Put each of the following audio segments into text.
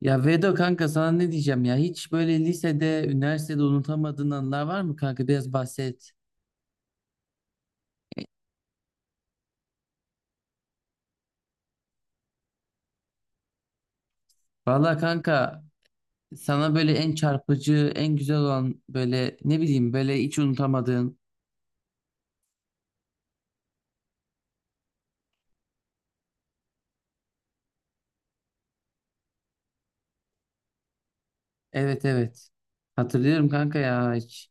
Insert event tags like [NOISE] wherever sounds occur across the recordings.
Ya Vedo kanka sana ne diyeceğim ya hiç böyle lisede, üniversitede unutamadığın anılar var mı kanka biraz bahset. Valla kanka sana böyle en çarpıcı, en güzel olan böyle ne bileyim böyle hiç unutamadığın. Evet, evet. Hatırlıyorum kanka ya hiç.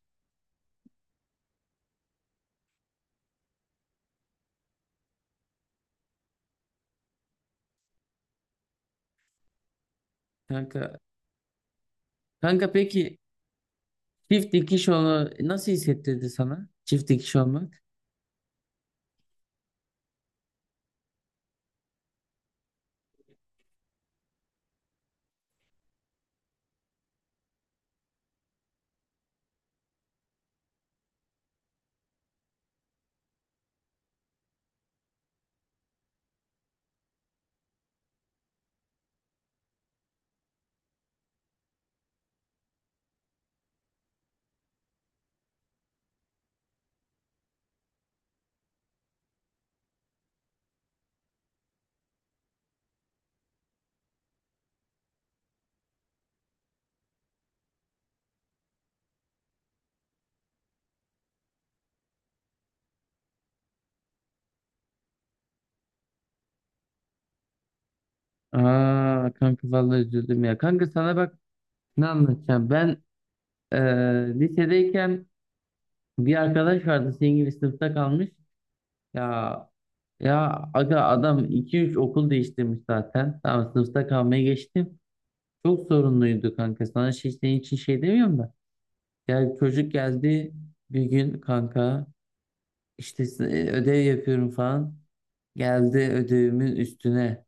Kanka kanka peki çift dikiş olma nasıl hissettirdi sana? Çift dikiş olmak. Aa kanka vallahi üzüldüm ya. Kanka sana bak ne anlatacağım. Ben lisedeyken bir arkadaş vardı senin gibi sınıfta kalmış. Ya ya aga adam iki üç okul değiştirmiş zaten. Tamam, sınıfta kalmaya geçtim. Çok sorunluydu kanka. Sana şey, senin için şey demiyorum da. Ya çocuk geldi bir gün kanka, İşte ödev yapıyorum falan. Geldi ödevimin üstüne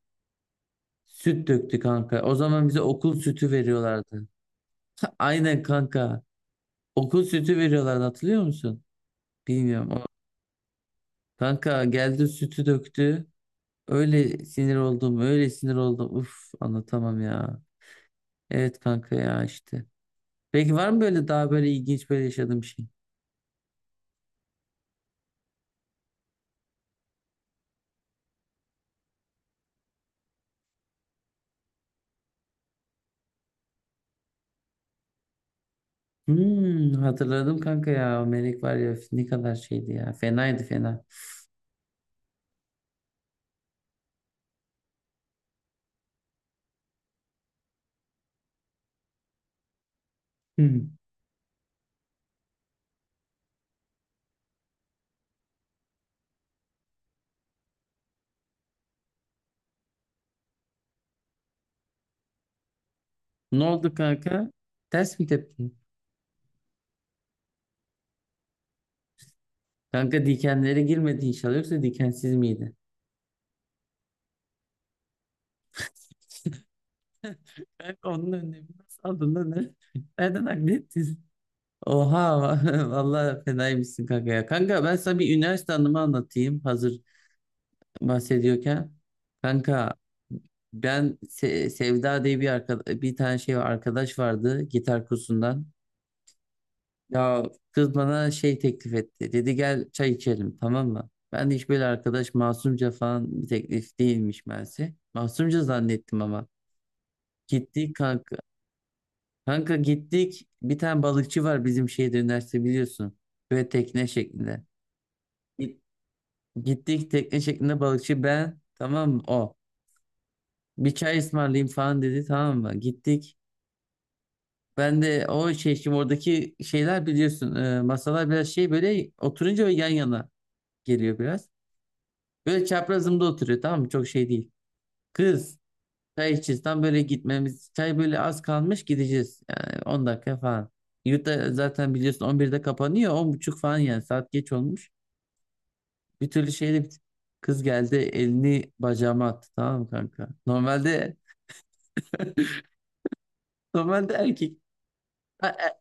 süt döktü kanka. O zaman bize okul sütü veriyorlardı. [LAUGHS] Aynen kanka. Okul sütü veriyorlardı, hatırlıyor musun? Bilmiyorum. Kanka geldi sütü döktü. Öyle sinir oldum, öyle sinir oldum. Uf, anlatamam ya. Evet kanka ya işte. Peki var mı böyle daha böyle ilginç böyle yaşadığım şey? Hatırladım kanka ya. O melek var ya ne kadar şeydi ya. Fenaydı fena. Hmm. Ne oldu kanka? Ters mi tepki? Kanka dikenlere girmedi inşallah, yoksa dikensiz miydi? Kanka onun önlemi nasıl aldın lan? Ne? [LAUGHS] Nereden hallettin? Oha [LAUGHS] vallahi fenaymışsın kanka ya. Kanka ben sana bir üniversite anımı anlatayım. Hazır bahsediyorken kanka ben Sevda diye bir tane şey arkadaş vardı gitar kursundan. Ya kız bana şey teklif etti. Dedi gel çay içelim, tamam mı? Ben de hiç böyle arkadaş masumca falan bir teklif değilmiş meğerse. Masumca zannettim ama. Gittik kanka. Kanka gittik. Bir tane balıkçı var bizim şehirde üniversite, biliyorsun. Böyle tekne şeklinde. Git- Gittik tekne şeklinde balıkçı ben, tamam mı? O bir çay ısmarlayayım falan dedi, tamam mı? Gittik. Ben de o şey şimdi oradaki şeyler biliyorsun, masalar biraz şey böyle oturunca ve yan yana geliyor biraz. Böyle çaprazımda oturuyor, tamam mı? Çok şey değil. Kız çay içeceğiz tam böyle gitmemiz çay böyle az kalmış gideceğiz yani 10 dakika falan. Yurtta zaten biliyorsun 11'de kapanıyor 10.30 falan yani saat geç olmuş. Bir türlü şeyde kız geldi elini bacağıma attı, tamam mı kanka? Normalde erkek. Ha,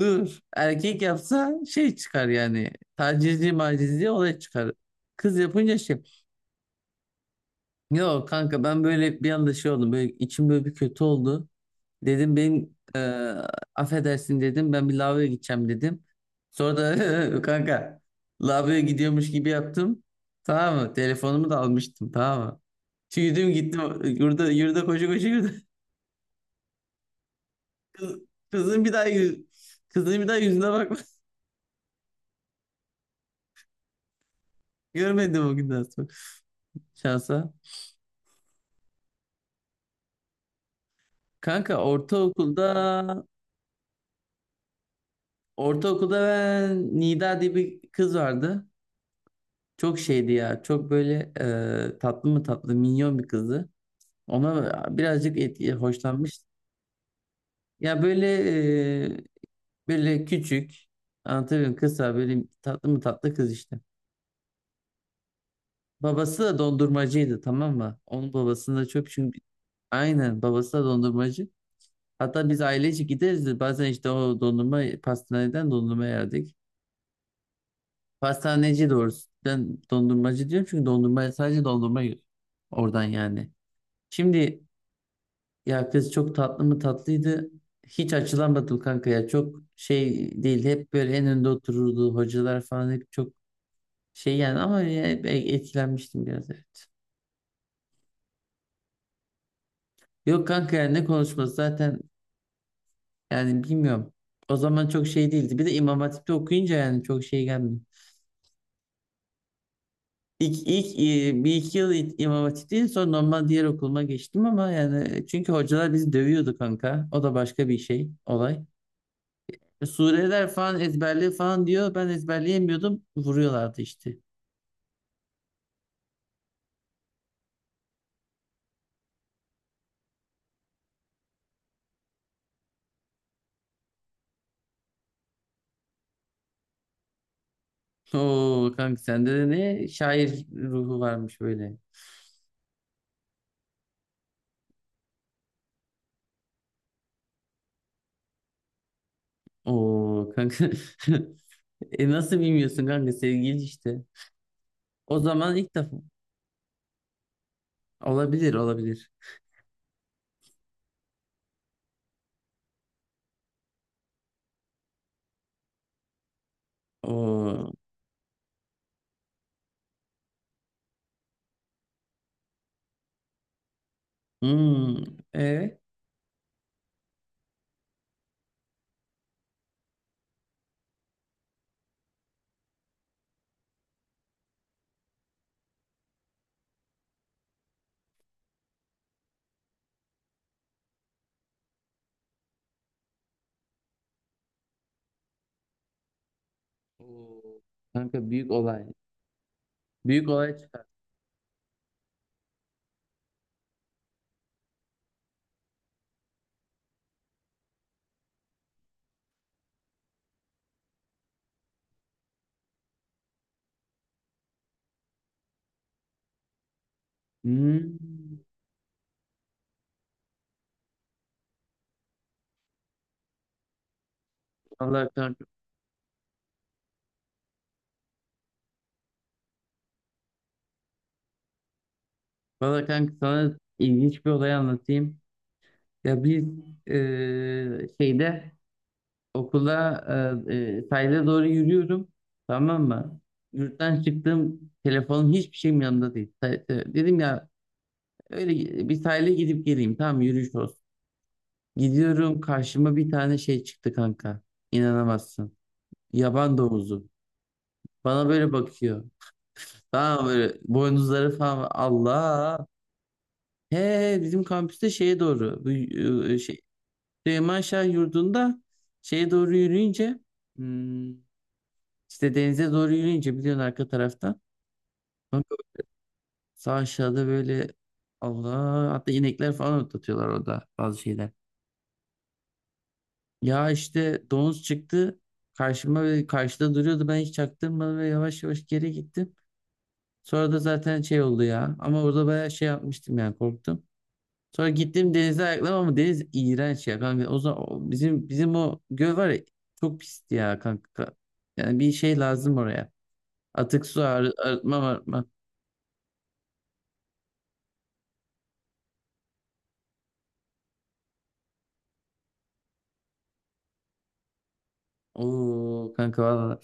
dur. Erkek yapsa şey çıkar yani. Tacizci macizci olay çıkar. Kız yapınca şey. Yok kanka ben böyle bir anda şey oldum. Böyle içim böyle bir kötü oldu. Dedim benim affedersin dedim. Ben bir lavaboya gideceğim dedim. Sonra da [LAUGHS] kanka lavaboya gidiyormuş gibi yaptım. Tamam mı? Telefonumu da almıştım, tamam mı? Yürüdüm gittim. Yurda, yurda koşu koşu yürüdüm. Kız, kızın bir daha yüz, Kızın bir daha yüzüne bakma. [LAUGHS] Görmedim o günden sonra. Şansa. Kanka ortaokulda ben Nida diye bir kız vardı. Çok şeydi ya. Çok böyle tatlı mı tatlı minyon bir kızdı. Ona birazcık hoşlanmış. Ya böyle e, böyle küçük anlatabiliyorum kısa böyle tatlı mı tatlı kız işte. Babası da dondurmacıydı, tamam mı? Onun babasını da çok çünkü aynen babası da dondurmacı. Hatta biz ailece gideriz de bazen işte o dondurma pastaneden dondurma yerdik. Pastaneci doğrusu. Ben dondurmacı diyorum çünkü dondurma sadece dondurma yiyor. Oradan yani. Şimdi ya kız çok tatlı mı tatlıydı. Hiç açılamadım kanka ya. Çok şey değil. Hep böyle en önde otururdu. Hocalar falan hep çok şey yani ama ya hep etkilenmiştim biraz evet. Yok kanka yani ne konuşması zaten yani bilmiyorum. O zaman çok şey değildi. Bir de İmam Hatip'te okuyunca yani çok şey gelmiyor. İlk, ilk bir iki yıl İmam Hatip'teydim sonra normal diğer okuluma geçtim ama yani çünkü hocalar bizi dövüyordu kanka. O da başka bir şey olay. E, sureler falan ezberli falan diyor. Ben ezberleyemiyordum. Vuruyorlardı işte. Oo kanka sende de ne şair ruhu varmış böyle. Oo kanka. [LAUGHS] E nasıl bilmiyorsun kanka sevgili işte. O zaman ilk defa olabilir, olabilir. Oo. Hmm. E Oo. Kanka büyük olay. Büyük olay. Hmm. Vallahi kanka, sana ilginç bir olay anlatayım. Ya biz şeyde okula sahile doğru yürüyorum. Tamam mı? Yurttan çıktım. Telefonum hiçbir şeyim yanımda değil. Dedim ya öyle bir sahile gidip geleyim. Tamam yürüyüş olsun. Gidiyorum karşıma bir tane şey çıktı kanka. İnanamazsın. Yaban domuzu. Bana böyle bakıyor. Tamam böyle boynuzları falan var. Allah. He he, bizim kampüste şeye doğru bu şey Süleyman Şah Yurdu'nda şeye doğru yürüyünce, hmm, işte denize doğru yürüyünce biliyorsun arka taraftan. Kanka, sağ aşağıda böyle Allah hatta inekler falan otlatıyorlar orada bazı şeyler. Ya işte domuz çıktı karşıma ve karşıda duruyordu, ben hiç çaktırmadım ve yavaş yavaş geri gittim. Sonra da zaten şey oldu ya ama orada bayağı şey yapmıştım yani korktum. Sonra gittim denize ayakladım ama deniz iğrenç ya kanka. O zaman bizim o göl var ya çok pisti ya kanka. Yani bir şey lazım oraya. Atık su arıtma arıtma. Oo kanka valla.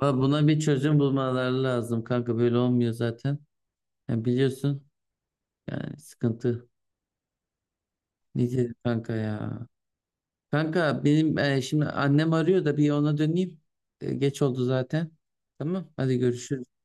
Valla buna bir çözüm bulmaları lazım kanka. Böyle olmuyor zaten. Yani biliyorsun yani sıkıntı. Ne diyeyim kanka ya. Kanka benim şimdi annem arıyor da bir ona döneyim. E, geç oldu zaten. Tamam hadi görüşürüz.